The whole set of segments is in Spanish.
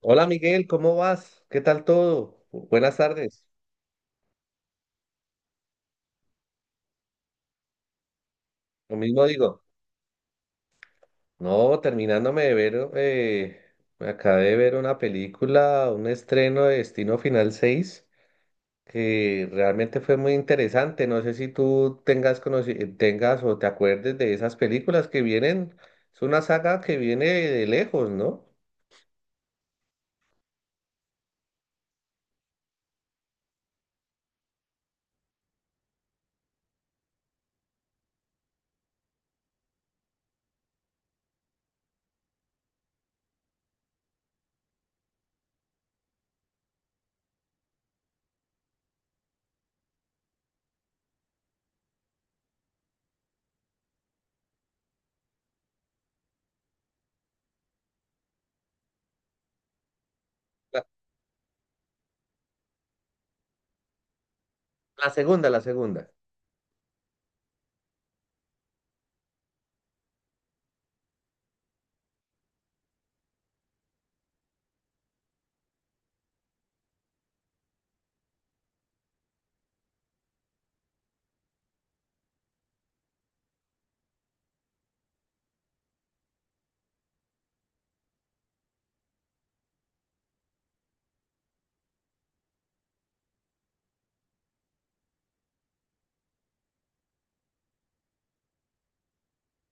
Hola Miguel, ¿cómo vas? ¿Qué tal todo? Buenas tardes. Lo mismo digo. No, terminándome de ver, me acabé de ver una película, un estreno de Destino Final seis, que realmente fue muy interesante. No sé si tú tengas, tengas o te acuerdes de esas películas que vienen. Es una saga que viene de lejos, ¿no? La, la segunda, la segunda.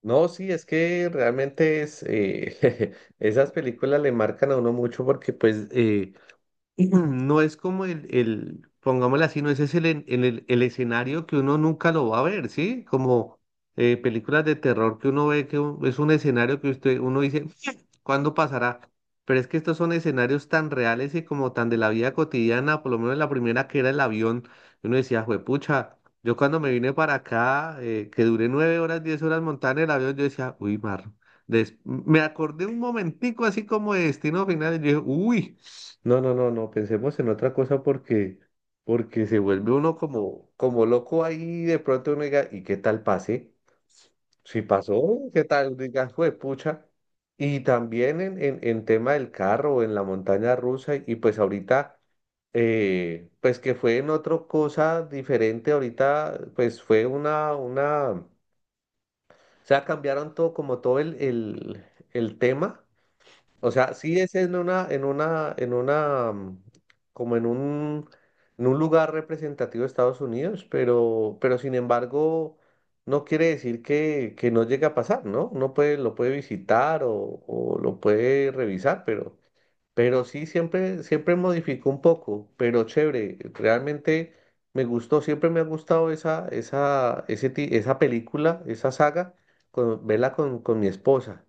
No, sí, es que realmente es, esas películas le marcan a uno mucho porque pues. No es como pongámosle así, no ese es el, en- el, el escenario que uno nunca lo va a ver, ¿sí? Como películas de terror que uno ve que es un escenario que usted, uno dice, ¿cuándo pasará? Pero es que estos son escenarios tan reales y como tan de la vida cotidiana, por lo menos la primera que era el avión, uno decía, juepucha, yo cuando me vine para acá, que duré 9 horas, 10 horas montada en el avión, yo decía, uy, mar, me acordé un momentico así como de Destino Final y yo dije, uy. No, no, no, no, pensemos en otra cosa porque se vuelve uno como loco ahí de pronto uno diga, ¿y qué tal pase? Si pasó, ¿qué tal? Diga, fue pucha. Y también en tema del carro, en la montaña rusa, y pues ahorita, pues que fue en otra cosa diferente, ahorita pues fue o sea, cambiaron todo como todo el tema. O sea, sí es en una, como en un lugar representativo de Estados Unidos, pero, sin embargo, no quiere decir que no llegue a pasar, ¿no? Uno puede, lo puede visitar o lo puede revisar, pero sí, siempre modificó un poco, pero chévere, realmente me gustó, siempre me ha gustado esa película, esa saga, verla con mi esposa.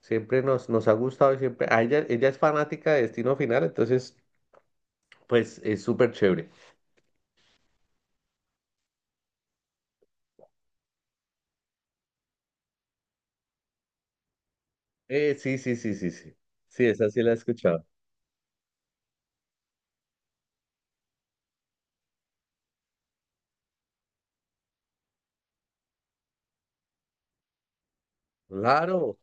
Siempre nos ha gustado y siempre, ella es fanática de Destino Final, entonces, pues es súper chévere. Sí, sí, sí, sí, sí. Sí, esa sí la he escuchado. Claro,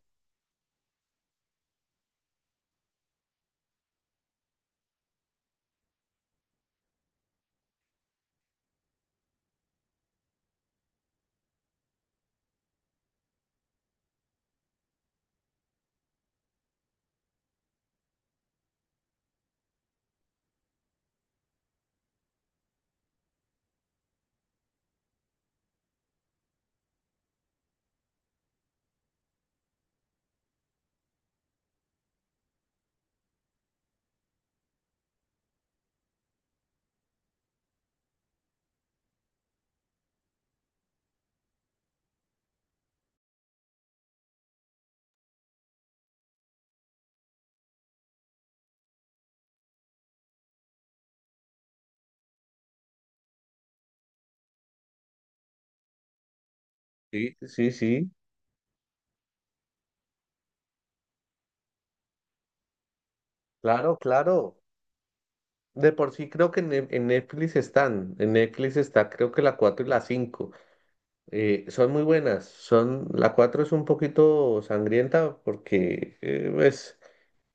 sí, sí, sí, claro, claro. De por sí creo que en Netflix están, en Netflix está creo que la 4 y la cinco. Son muy buenas. La 4 es un poquito sangrienta porque, eh, pues,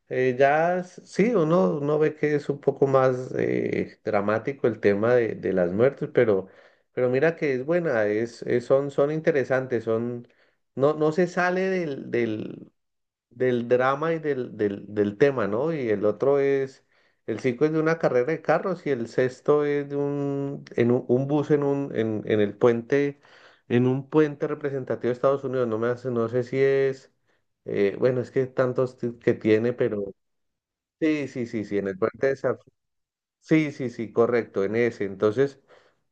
eh, ya s- sí, uno ve que es un poco más dramático el tema de las muertes, pero mira que es buena, son interesantes, no, no se sale del drama y del tema, ¿no? Y el cinco es de una carrera de carros y el sexto es de un bus en en el puente, en un puente representativo de Estados Unidos. No sé si es, bueno, es que tantos que tiene, pero sí, sí, sí, sí, en el puente de San. Sí, sí, sí, correcto, en ese. Entonces,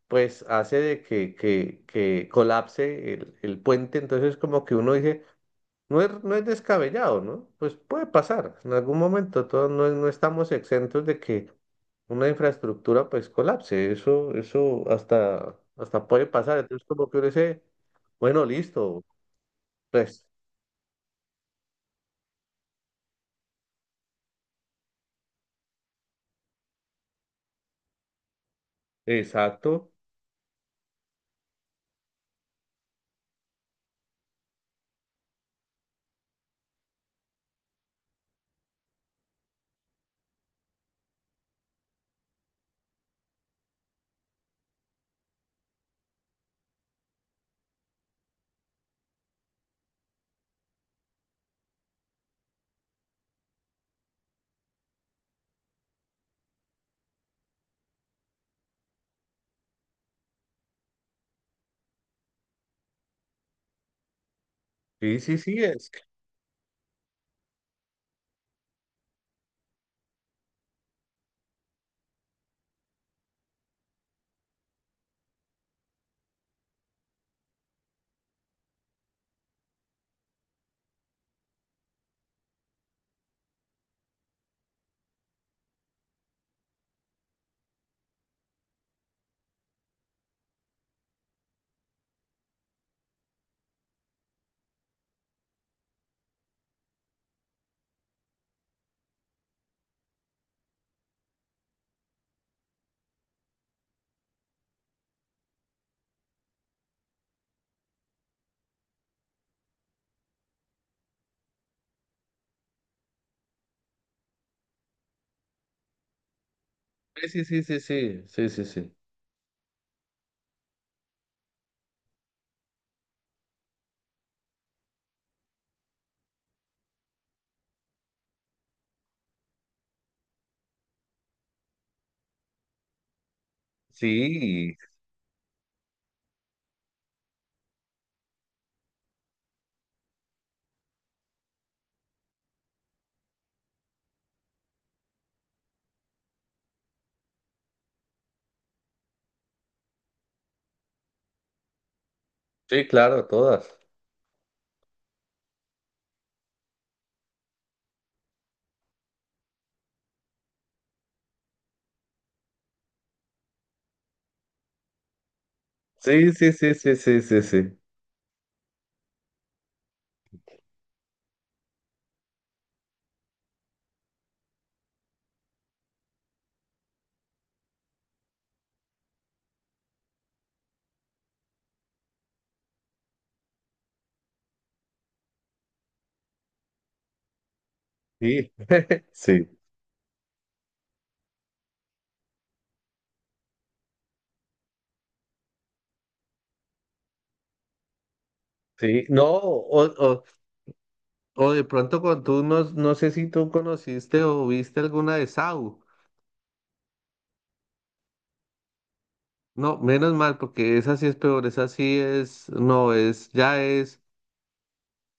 pues hace de que colapse el puente. Entonces, como que uno dice no es, no es descabellado, ¿no? Pues puede pasar. En algún momento todos no, no estamos exentos de que una infraestructura pues colapse. Eso hasta puede pasar. Entonces como que uno dice, bueno, listo, pues, exacto. Sí, sí, sí. Sí, sí, sí, sí, sí, sí, sí. Sí, sí, sí, claro, todas. Sí, sí, sí, sí, sí, sí, sí. Sí, sí, sí. No, o de pronto no, no sé si tú conociste o viste alguna de Saw. No, menos mal, porque esa sí es peor, esa sí no, ya es.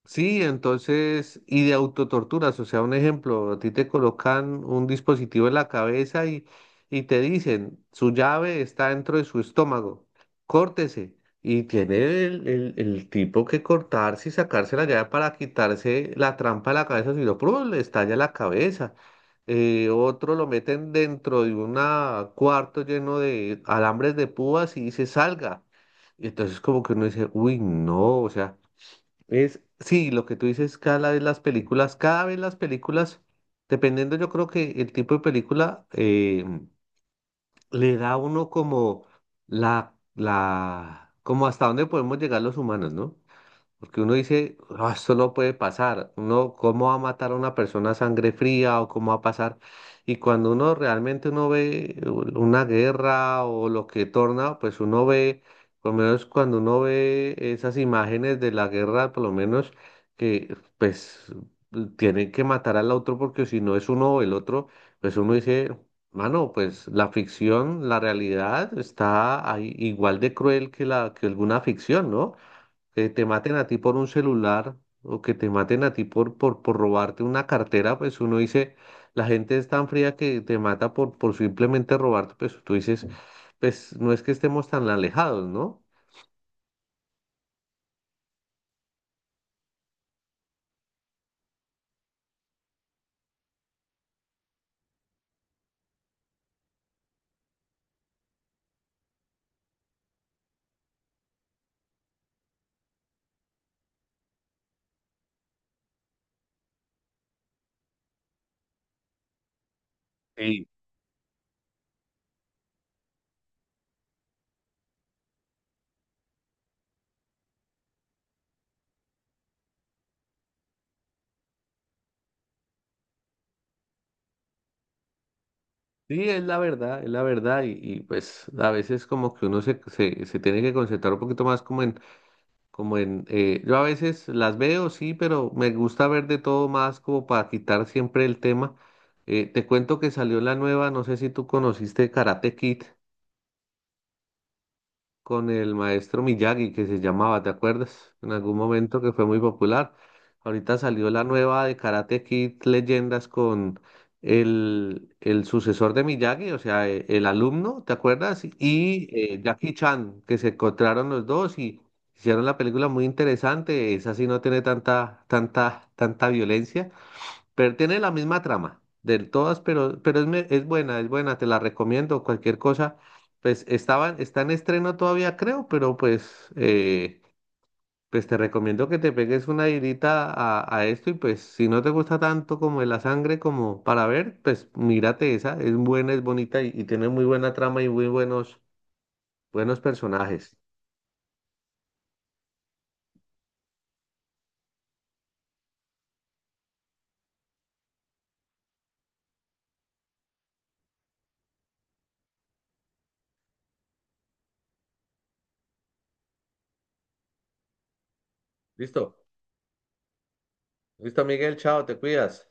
Sí, entonces, y de autotorturas, o sea, un ejemplo, a ti te colocan un dispositivo en la cabeza y te dicen, su llave está dentro de su estómago, córtese. Y tiene el tipo que cortarse y sacarse la llave para quitarse la trampa de la cabeza, si no, ¡prum! Le estalla la cabeza. Otro lo meten dentro de un cuarto lleno de alambres de púas y dice, salga. Y entonces como que uno dice, uy, no, o sea. Sí, lo que tú dices, cada vez las películas, cada vez las películas, dependiendo yo creo que el tipo de película, le da a uno como como hasta dónde podemos llegar los humanos, ¿no? Porque uno dice: "Ah, esto no puede pasar. Uno, ¿cómo va a matar a una persona a sangre fría o cómo va a pasar?" Y cuando uno realmente uno ve una guerra o lo que torna, pues uno ve, por lo menos cuando uno ve esas imágenes de la guerra, por lo menos que pues tienen que matar al otro porque si no es uno o el otro, pues uno dice, mano, pues la ficción, la realidad está ahí igual de cruel que la que alguna ficción, ¿no? Que te maten a ti por un celular o que te maten a ti por robarte una cartera, pues uno dice, la gente es tan fría que te mata por simplemente robarte, pues tú dices, pues no es que estemos tan alejados, ¿no? Sí. Sí, es la verdad, pues a veces como que uno se tiene que concentrar un poquito más. Como en, Yo a veces las veo, sí, pero me gusta ver de todo más como para quitar siempre el tema. Te cuento que salió la nueva, no sé si tú conociste Karate Kid con el maestro Miyagi que se llamaba, ¿te acuerdas? En algún momento que fue muy popular. Ahorita salió la nueva de Karate Kid Leyendas con el sucesor de Miyagi, o sea, el alumno, ¿te acuerdas? Y Jackie Chan, que se encontraron los dos y hicieron la película muy interesante. Esa sí no tiene tanta, tanta, tanta violencia. Pero tiene la misma trama del todas, pero es buena, te la recomiendo. Cualquier cosa, pues está en estreno todavía, creo, pero pues, pues te recomiendo que te pegues una irita a esto y pues si no te gusta tanto como de la sangre como para ver, pues mírate esa, es buena, es bonita y tiene muy buena trama y buenos personajes. Listo, listo, Miguel, chao, te cuidas.